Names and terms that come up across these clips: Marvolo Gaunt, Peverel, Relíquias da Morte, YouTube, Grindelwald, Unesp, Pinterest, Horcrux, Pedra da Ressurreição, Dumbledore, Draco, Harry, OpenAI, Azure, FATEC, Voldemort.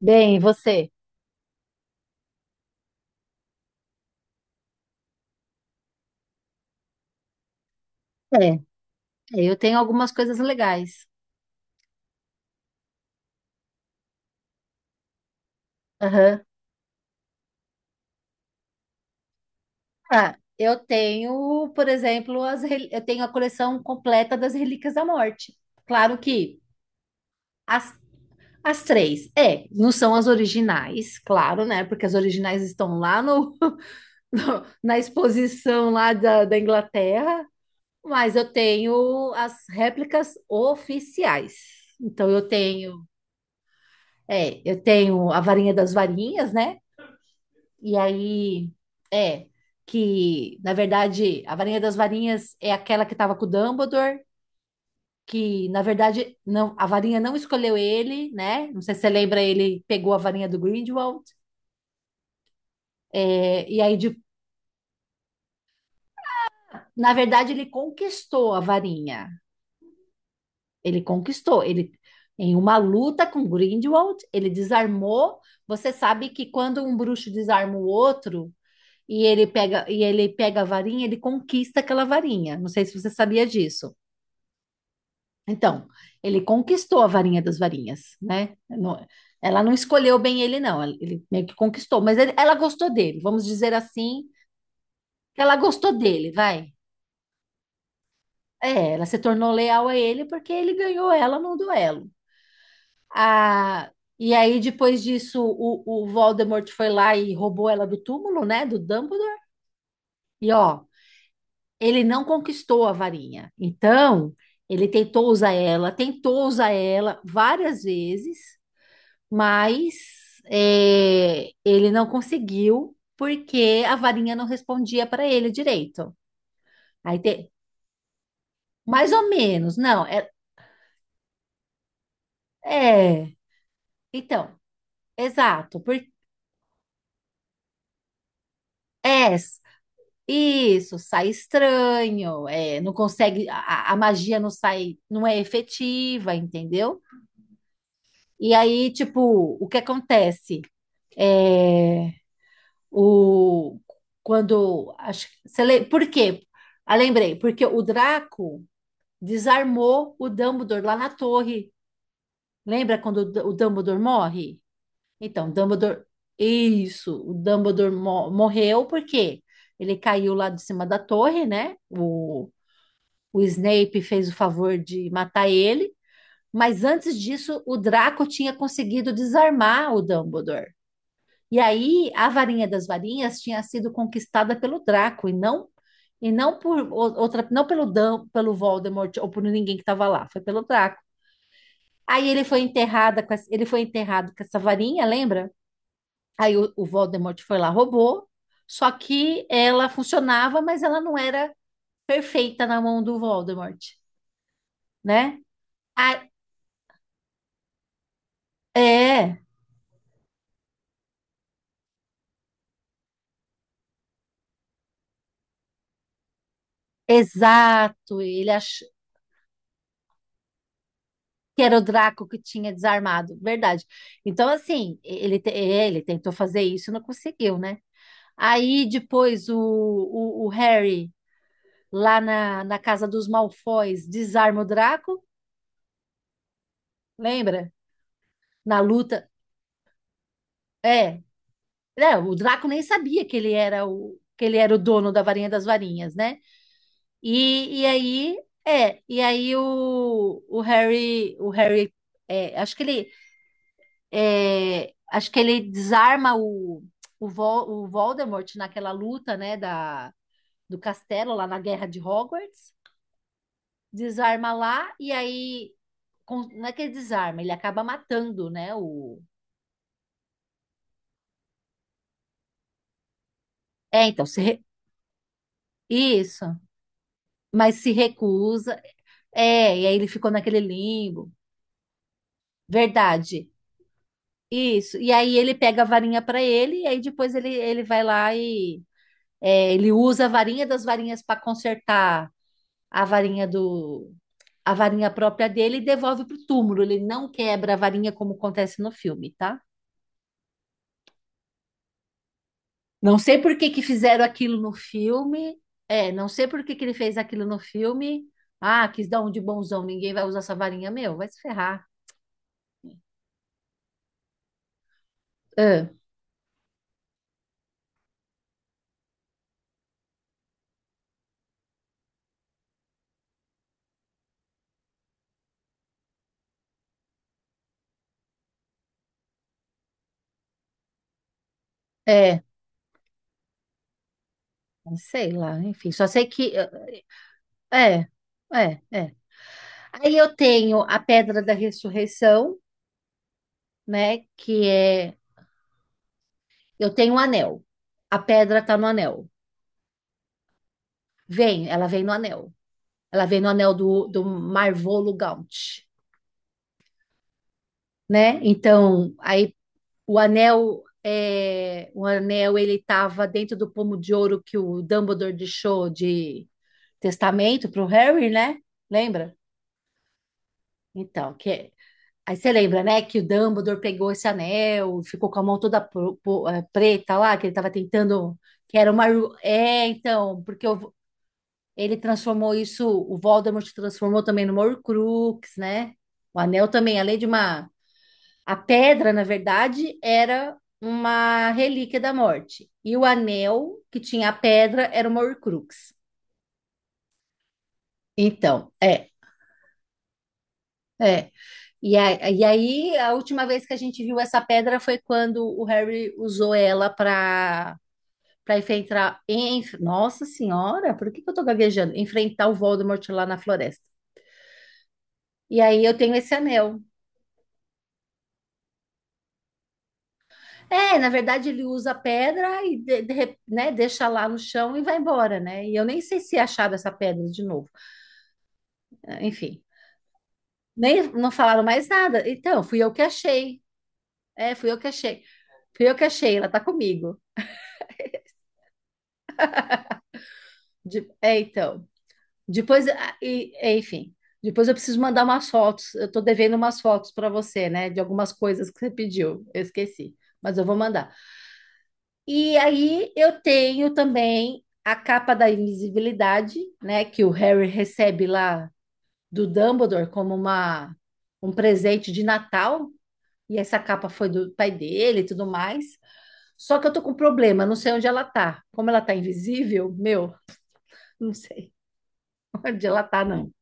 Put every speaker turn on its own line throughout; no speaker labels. Bem, e você? É, eu tenho algumas coisas legais. Aham. Ah, eu tenho, por exemplo, eu tenho a coleção completa das Relíquias da Morte. Claro que as, as três, não são as originais, claro, né? Porque as originais estão lá na exposição lá da Inglaterra, mas eu tenho as réplicas oficiais. Então eu tenho a varinha das varinhas, né? E aí, é, que, na verdade, a varinha das varinhas é aquela que estava com o Dumbledore, que, na verdade, não, a varinha não escolheu ele, né? Não sei se você lembra, ele pegou a varinha do Grindelwald, e aí, na verdade, ele conquistou a varinha. Ele conquistou, ele... Em uma luta com Grindelwald, ele desarmou. Você sabe que quando um bruxo desarma o outro e ele pega a varinha, ele conquista aquela varinha. Não sei se você sabia disso. Então, ele conquistou a varinha das varinhas, né? Ela não escolheu bem ele, não. Ele meio que conquistou, mas ela gostou dele, vamos dizer assim, que ela gostou dele, vai. É, ela se tornou leal a ele porque ele ganhou ela num duelo. Ah, e aí, depois disso, o Voldemort foi lá e roubou ela do túmulo, né? Do Dumbledore. E ó, ele não conquistou a varinha. Então, ele tentou usar ela várias vezes. Mas ele não conseguiu porque a varinha não respondia para ele direito. Aí mais ou menos, não, é, então, exato, é, isso, sai estranho, não consegue, a magia não sai, não é efetiva, entendeu? E aí, tipo, o que acontece? É, o, quando, acho, que- você le- Por quê? Ah, lembrei, porque o Draco desarmou o Dumbledore lá na torre. Lembra quando o Dumbledore morre? Então, Dumbledore. Isso, o Dumbledore morreu porque ele caiu lá de cima da torre, né? O Snape fez o favor de matar ele. Mas antes disso, o Draco tinha conseguido desarmar o Dumbledore. E aí, a varinha das varinhas tinha sido conquistada pelo Draco e não por outra, não pelo Voldemort ou por ninguém que estava lá, foi pelo Draco. Aí ele foi enterrado com essa varinha, lembra? Aí o Voldemort foi lá, roubou. Só que ela funcionava, mas ela não era perfeita na mão do Voldemort, né? Ah, é, exato. Ele achou que era o Draco que tinha desarmado, verdade. Então, assim, ele tentou fazer isso e não conseguiu, né? Aí depois o Harry, lá na casa dos Malfoys, desarma o Draco, lembra? Na luta, é, é, o Draco nem sabia que ele era o dono da varinha das varinhas, né? E, e aí e aí o Harry, acho que ele desarma o Voldemort naquela luta, né, do castelo lá na Guerra de Hogwarts, desarma lá e aí não é que ele desarma, ele acaba matando, né, o. É, então, se re- isso, mas se recusa, é, e aí ele ficou naquele limbo. Verdade. Isso. E aí ele pega a varinha para ele, e aí depois ele vai lá e ele usa a varinha das varinhas para consertar a varinha do a varinha própria dele e devolve pro túmulo. Ele não quebra a varinha como acontece no filme, tá? Não sei por que que fizeram aquilo no filme. É, não sei por que que ele fez aquilo no filme. Ah, quis dar um de bonzão, ninguém vai usar essa varinha, meu, vai se ferrar. Ah, é, sei lá, enfim, só sei que É, é, é. Aí eu tenho a Pedra da Ressurreição, né? Que é. Eu tenho um anel. A pedra tá no anel. Vem, ela vem no anel. Ela vem no anel do Marvolo Gaunt, né? Então, aí o anel. É, o anel ele estava dentro do pomo de ouro que o Dumbledore deixou de testamento para o Harry, né? Lembra? Então, que é. Aí você lembra, né, que o Dumbledore pegou esse anel, ficou com a mão toda preta lá, que ele estava tentando, que era uma... É, então, ele transformou isso, o Voldemort transformou também numa Horcrux, né? O anel também, além de uma... A pedra, na verdade, era uma relíquia da morte. E o anel que tinha a pedra era uma Horcrux. Então, É. E, e aí, a última vez que a gente viu essa pedra foi quando o Harry usou ela para enfrentar. Nossa Senhora, por que que eu tô gaguejando? Enfrentar o Voldemort lá na floresta. E aí eu tenho esse anel. É, na verdade ele usa a pedra e né, deixa lá no chão e vai embora, né? E eu nem sei se acharam essa pedra de novo. É, enfim, nem não falaram mais nada. Então, fui eu que achei. É, fui eu que achei. Fui eu que achei, ela tá comigo. É, então. Depois, ah, enfim, depois eu preciso mandar umas fotos. Eu tô devendo umas fotos para você, né? De algumas coisas que você pediu. Eu esqueci, mas eu vou mandar. E aí eu tenho também a capa da invisibilidade, né? Que o Harry recebe lá do Dumbledore como um presente de Natal. E essa capa foi do pai dele e tudo mais. Só que eu tô com um problema, não sei onde ela tá. Como ela tá invisível, meu, não sei onde ela tá, não.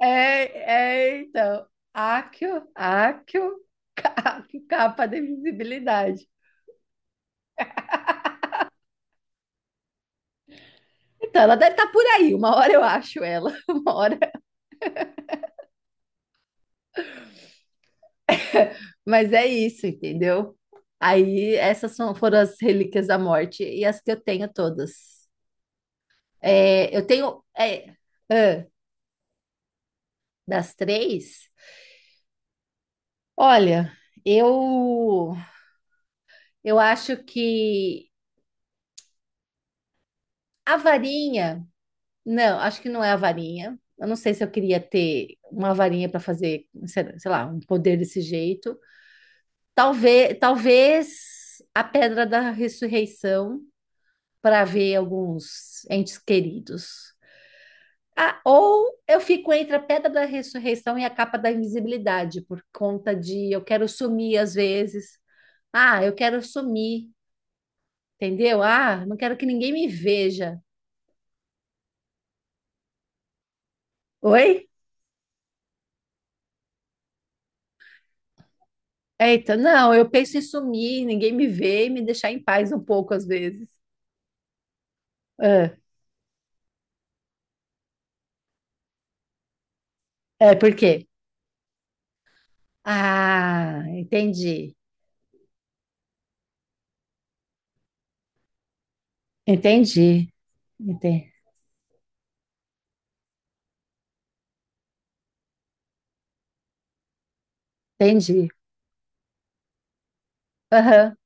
É, é, então, Accio, Accio, Accio, capa de visibilidade. Então, ela deve estar por aí, uma hora eu acho ela, uma hora, mas é isso, entendeu? Aí, essas foram as relíquias da morte e as que eu tenho todas. É, eu tenho, é, ah, das três, olha, eu, eu acho que a varinha. Não, acho que não é a varinha. Eu não sei se eu queria ter uma varinha para fazer, sei lá, um poder desse jeito. Talvez, talvez a pedra da ressurreição para ver alguns entes queridos. Ah, ou eu fico entre a pedra da ressurreição e a capa da invisibilidade por conta de eu quero sumir às vezes. Ah, eu quero sumir, entendeu? Ah, não quero que ninguém me veja. Oi? Eita, não, eu penso em sumir, ninguém me vê e me deixar em paz um pouco às vezes. É, é por quê? Ah, entendi, entendi, ente- entendi. Aham,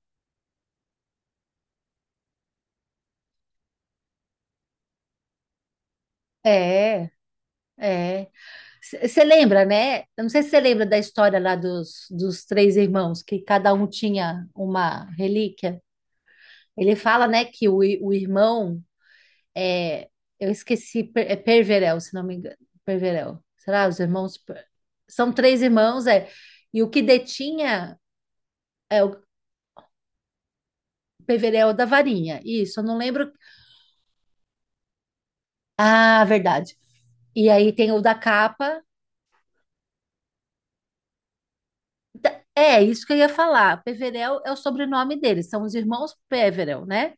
é, é. Você lembra, né? Eu não sei se você lembra da história lá dos três irmãos, que cada um tinha uma relíquia. Ele fala, né, que o irmão é, eu esqueci, é Perverel, se não me engano. Perverel. Será? Os irmãos. São três irmãos, é. E o que detinha é o Perverel da varinha. Isso, eu não lembro. Ah, verdade. E aí tem o da capa. É, isso que eu ia falar. Peverel é o sobrenome deles, são os irmãos Peverel, né?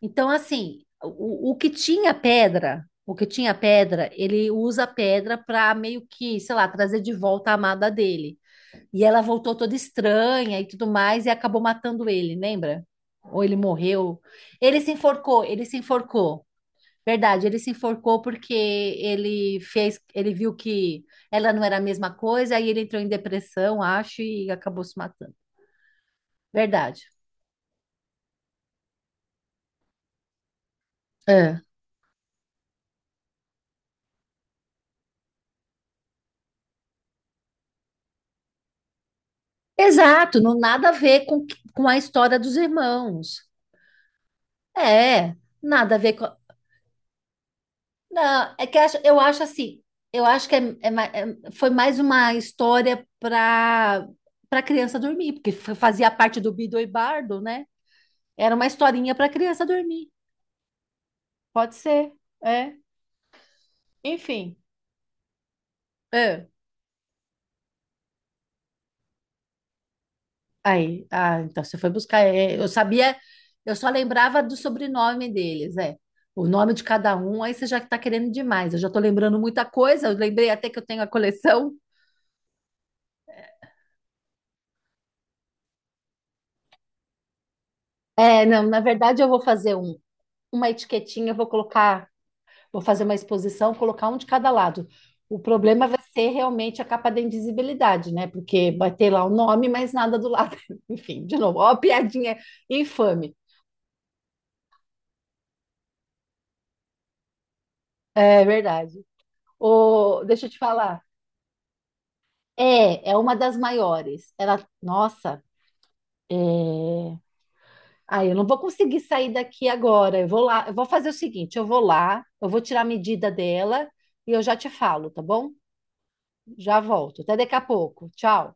Então, assim, o que tinha pedra, o que tinha pedra, ele usa a pedra para meio que, sei lá, trazer de volta a amada dele. E ela voltou toda estranha e tudo mais e acabou matando ele, lembra? Ou ele morreu. Ele se enforcou, ele se enforcou. Verdade, ele se enforcou porque ele fez, ele viu que ela não era a mesma coisa, aí ele entrou em depressão, acho, e acabou se matando. Verdade. É. Exato, não nada a ver com, a história dos irmãos. É, nada a ver com. Não, é que eu acho assim, eu acho que foi mais uma história para criança dormir, porque fazia parte do Bido e Bardo, né? Era uma historinha para criança dormir. Pode ser, é. Enfim, é. Aí, ah, então você foi buscar. É, eu sabia, eu só lembrava do sobrenome deles, é. O nome de cada um, aí você já está querendo demais. Eu já estou lembrando muita coisa, eu lembrei até que eu tenho a coleção. É, não, na verdade eu vou fazer uma etiquetinha, eu vou colocar. Vou fazer uma exposição, colocar um de cada lado. O problema vai ser realmente a capa da invisibilidade, né? Porque vai ter lá o nome, mas nada do lado. Enfim, de novo, ó, a piadinha infame. É verdade. O, deixa eu te falar. É, é uma das maiores. Ela, nossa, é... Ah, eu não vou conseguir sair daqui agora. Eu vou lá, eu vou fazer o seguinte, eu vou lá, eu vou tirar a medida dela e eu já te falo, tá bom? Já volto. Até daqui a pouco. Tchau.